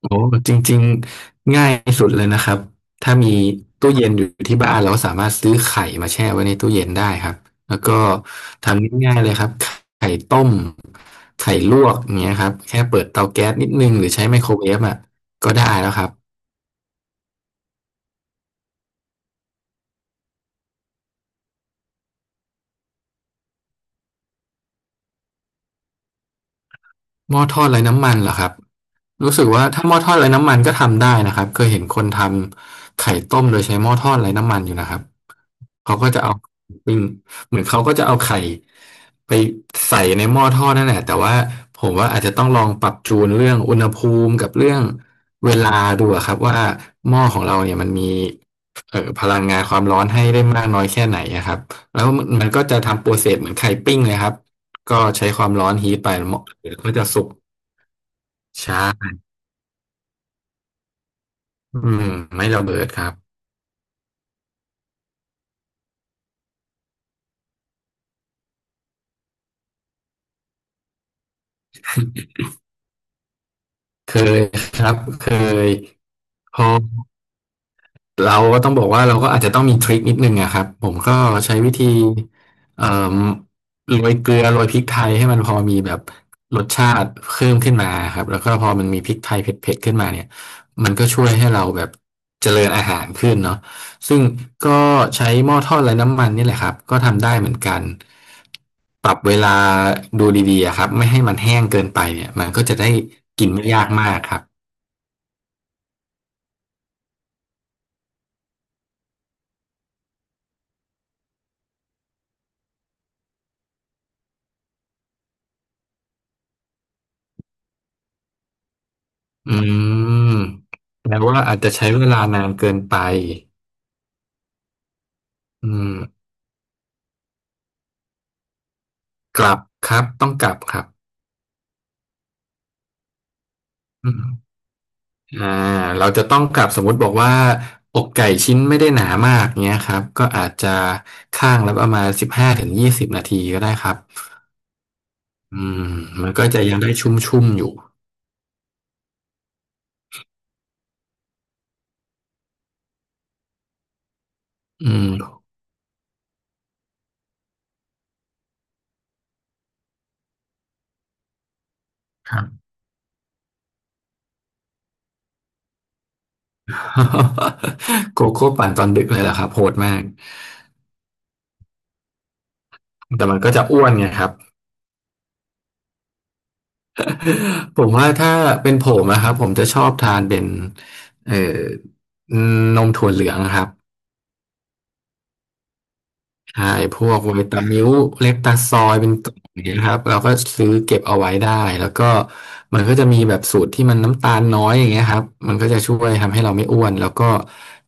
โอ้จริงๆง่ายสุดเลยนะครับถ้ามีตู้เย็นอยู่ที่บ้านเราสามารถซื้อไข่มาแช่ไว้ในตู้เย็นได้ครับแล้วก็ทำง่ายๆเลยครับไข่ต้มไข่ลวกอย่างเงี้ยครับแค่เปิดเตาแก๊สนิดนึงหรือใช้ไมโครเวฟอ่ะก็ได้แล้วครับ หม้อทอดไร้น้ำมันเหรอครับ รู้สึกว่าถ้าหม้อทอดไร้น้ำมันก็ทำได้นะครับ เคยเห็นคนทำไข่ต้มโดยใช้หม้อทอดไร้น้ำมันอยู่นะครับเขาก็จะเอาปิ้งเหมือนเขาก็จะเอาไข่ไปใส่ในหม้อทอดนั่นแหละ แต่ว่าผมว่าอาจจะต้องลองปรับจูนเรื่องอุณหภูมิกับเรื่องเวลาดูอะครับว่าหม้อของเราเนี่ยมันมีพลังงานความร้อนให้ได้มากน้อยแค่ไหนอะครับแล้วมันก็จะทำโปรเซสเหมือนไข่ปิ้งเลยครับ ก็ใช้ความร้อนฮีทไปเหมดหรือก็จะสุกช้าอืมไม่ระเบิดครับเคยครับเคยพอ เราก็ต้องบอกว่าเราก็อาจจะต้องมีทริคนิดนึงอะครับผมก็ใช้วิธีเอ่อโรยเกลือโรยพริกไทยให้มันพอมีแบบรสชาติเพิ่มขึ้นมาครับแล้วก็พอมันมีพริกไทยเผ็ดๆขึ้นมาเนี่ยมันก็ช่วยให้เราแบบเจริญอาหารขึ้นเนาะซึ่งก็ใช้หม้อทอดไร้น้ำมันนี่แหละครับก็ทำได้เหมือนกันปรับเวลาดูดีๆอะครับไม่ให้มันแห้งเกินไปเนี่ยมันก็จะได้กินไม่ยากมากครับ อืมแปลว่าอาจจะใช้เวลานานเกินไปอืมกลับครับต้องกลับครับอืมอ่าเราจะต้องกลับสมมุติบอกว่าอกไก่ชิ้นไม่ได้หนามากเนี้ยครับก็อาจจะข้างแล้วประมาณ15ถึง20นาทีก็ได้ครับอืมมันก็จะยังได้ชุ่มๆอยู่อืมครับ โกโก้ปั่นตอนดึกเลยเหรอครับโหดมากแต่มันก็จะอ้วนไงครับ ผมว่าถ้าเป็นผมนะครับผมจะชอบทานเป็นเอ่อนมถั่วเหลืองครับ ใช่พวกไวตามิลเลปตาซอยเป็นต้นอย่างเงี้ยครับ เราก็ซื้อเก็บเอาไว้ได้ แล้วก็มันก็จะมีแบบสูตรที่มันน้ำตาลน้อยอย่างเงี้ยครับมันก็จะช่วยทำให้เราไม่อ้วนแล้วก็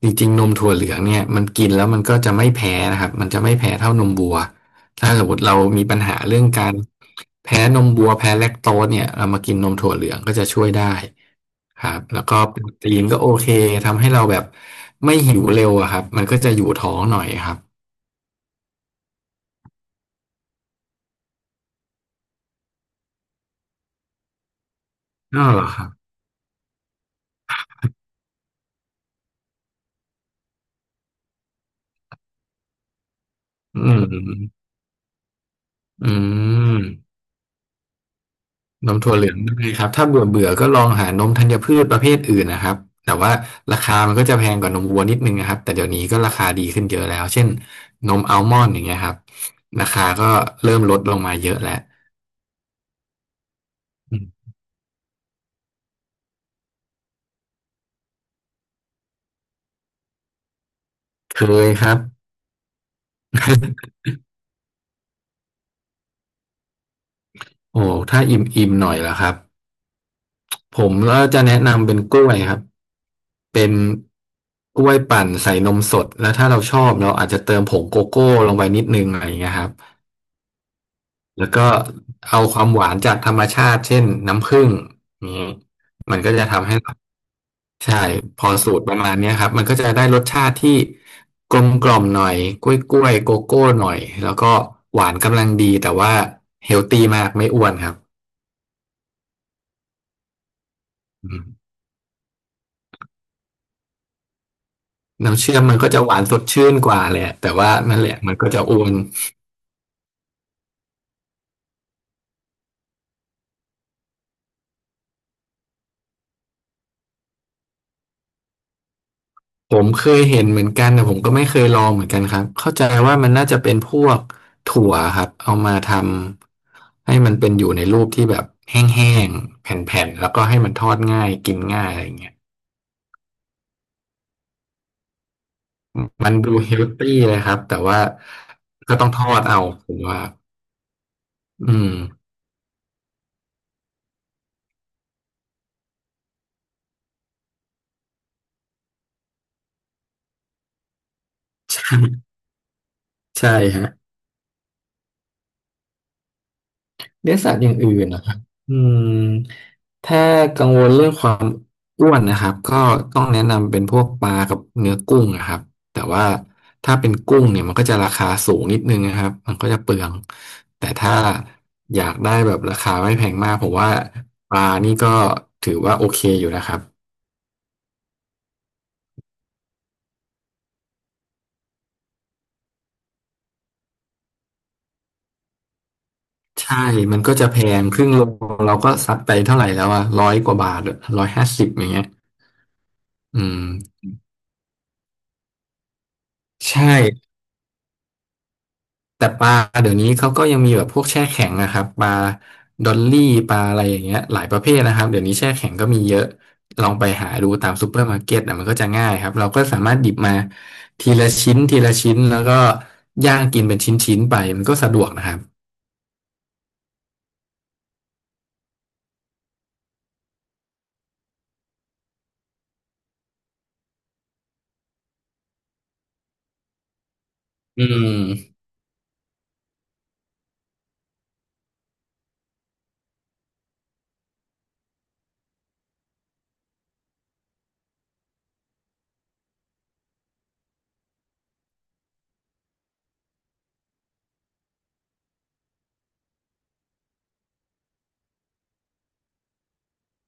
จริงๆนมถั่วเหลืองเนี่ยมันกินแล้วมันก็จะไม่แพ้นะครับ มันจะไม่แพ้เท่านมวัว ถ้าสมมติเรามีปัญหาเรื่องการแพ้นมวัวแพ้แลคโตสเนี่ยเรามากินนมถั่วเหลืองก็จะช่วยได้ครับแล้วก็โปรตีนก็โอเคทำให้เราแบบไม่หิวเร็วอะครับมันก็จะอยู่ท้องหน่อยครับอ๋อเหรอครับ อืมอืมนมถั่วเหลืองได้ครับถ้าเบื่อเบื่อก็ลองหานมธัญพืชประเภทอื่นนะครับแต่ว่าราคามันก็จะแพงกว่านมวัวนิดนึงนะครับแต่เดี๋ยวนี้ก็ราคาดีขึ้นเยอะแล้วเช่นนมอัลมอนด์อย่างเงี้ยครับราคาก็เริ่มลดลงมาเยอะแล้วอืมเคยครับโอ้ถ้าอิ่มอิ่มหน่อยล่ะครับผมก็จะแนะนำเป็นกล้วยครับเป็นกล้วยปั่นใส่นมสดแล้วถ้าเราชอบเราอาจจะเติมผงโกโก้ลงไปนิดนึงอะไรอย่างเงี้ยครับ แล้วก็เอาความหวานจากธรรมชาติเช่นน้ำผึ้งนี้มันก็จะทำให้ใช่พอสูตรประมาณเนี้ยครับมันก็จะได้รสชาติที่กลมกล่อมหน่อยกล้วยกล้วยโกโก้หน่อยแล้วก็หวานกำลังดีแต่ว่าเฮลตี้มากไม่อ้วนครับอืมน้ำเชื่อมมันก็จะหวานสดชื่นกว่าแหละแต่ว่านั่นแหละมันก็จะอ้วน ผมเคยเห็นเหมือนกันแต่ผมก็ไม่เคยลองเหมือนกันครับเข้าใจว่ามันน่าจะเป็นพวกถั่วครับเอามาทำให้มันเป็นอยู่ในรูปที่แบบแห้งๆแผ่นๆแล้วก็ให้มันทอดง่ายกินง่ายอะไรอย่างเงี้ยมันดูเฮลตี้เลยครับแต่ว่าก็ต้องทอดเอาผมว่าอืมใช่ใช่ฮะ เลี้ยงสัตว์อย่างอื่นนะครับอืมถ้ากังวลเรื่องความอ้วนนะครับก็ต้องแนะนำเป็นพวกปลากับเนื้อกุ้งนะครับแต่ว่าถ้าเป็นกุ้งเนี่ยมันก็จะราคาสูงนิดนึงนะครับมันก็จะเปลือง แต่ถ้าอยากได้แบบราคาไม่แพงมากผมว่าปลานี่ก็ถือว่าโอเคอยู่นะครับใช่มันก็จะแพงครึ่งโลเราก็ซัดไปเท่าไหร่แล้วอะร้อยกว่าบาท150อย่างเงี้ยอืมใช่ แต่ปลาเดี๋ยวนี้เขาก็ยังมีแบบพวกแช่แข็งนะครับปลาดอลลี่ปลาอะไรอย่างเงี้ยหลายประเภทนะครับเดี๋ยวนี้แช่แข็งก็มีเยอะลองไปหาดูตามซูเปอร์มาร์เก็ตนะมันก็จะง่ายครับเราก็สามารถหยิบมาทีละชิ้นแล้วก็ย่างกินเป็นชิ้นๆไปมันก็สะดวกนะครับอืม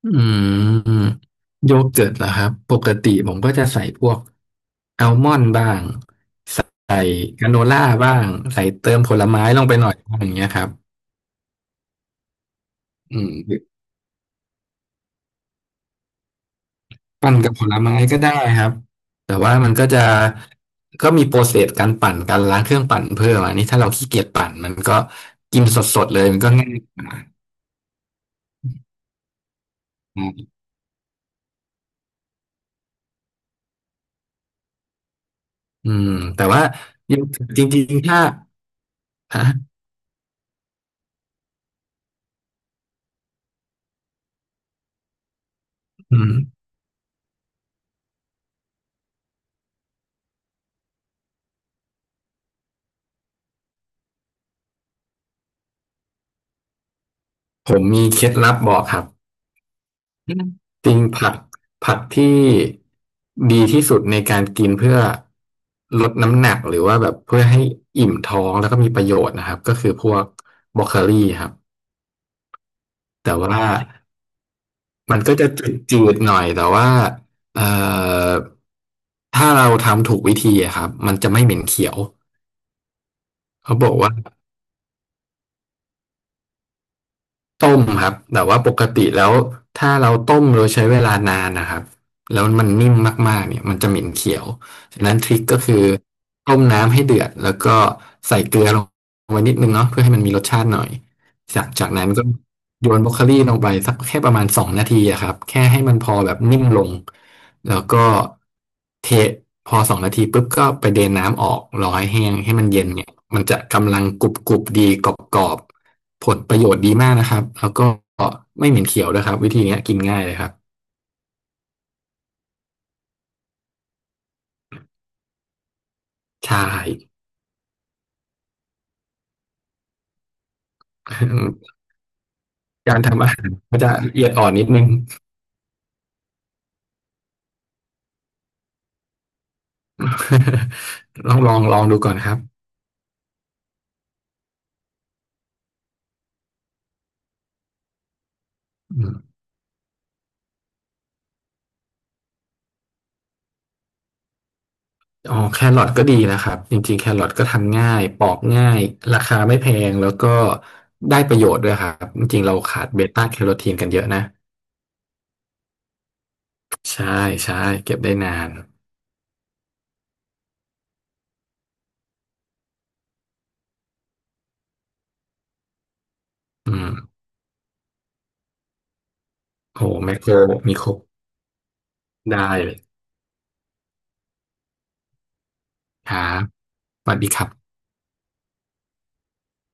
อืมโยเกิร์ตเหรอครับปกติผมก็จะใส่พวกอัลมอนด์บ้างใส่กราโนล่าบ้างใส่เติมผลไม้ลงไปหน่อยอย่างเงี้ยครับอืม ปั่นกับผลไม้ก็ได้ครับแต่ว่ามันก็จะก็มีโปรเซสการปั่นการล้างเครื่องปั่นเพิ่มอันนี้ถ้าเราขี้เกียจปั่นมันก็กินสดๆเลยมันก็ง่ายอืมแต่ว่าจริงๆถ้าฮะอืมผมมีเคล็ดลับบอกครับอืมจริงผักที่ดีที่สุดในการกินเพื่อลดน้ำหนักหรือว่าแบบเพื่อให้อิ่มท้องแล้วก็มีประโยชน์นะครับก็คือพวกบรอกโคลีครับแต่ว่า มันก็จะจืดๆหน่อยแต่ว่าเอ่อถ้าเราทำถูกวิธีอะครับมันจะไม่เหม็นเขียวเขาบอกว่าต้มครับแต่ว่าปกติแล้วถ้าเราต้มโดยใช้เวลานานนะครับแล้วมันนิ่มมากๆเนี่ยมันจะเหม็นเขียวฉะนั้นทริคก็คือต้มน้ำให้เดือดแล้วก็ใส่เกลือลงไปนิดนึงเนาะเพื่อให้มันมีรสชาติหน่อยจากนั้นก็โยนบรอกโคลีลงไปสักแค่ประมาณสองนาทีอะครับแค่ให้มันพอแบบนิ่มลง แล้วก็เทพอสองนาทีปุ๊บก็ไปเดนน้ำออกรอให้แห้งให้มันเย็นเนี่ยมันจะกำลังกรุบกรุบดีกรอบกรอบผลประโยชน์ดีมากนะครับแล้วก็ไม่เหม็นเขียวด้วยครับวิธีเนี้ยกินง่ายเลยครับใช่ การทำอาหารก็จะละเอียดอ่อนนิดนึง ลองดูก่อนครับอืมอ๋อแครอทก็ดีนะครับจริงๆแครอทก็ทำง่ายปอกง่ายราคาไม่แพงแล้วก็ได้ประโยชน์ด้วยครับจริงๆเราขาดเบต้าแคโรทีนกันเยอะนะ ใช่ใช่เก็บได้นานอืมโหแมคโครมีครบได้เลยครับสวัสดีครับ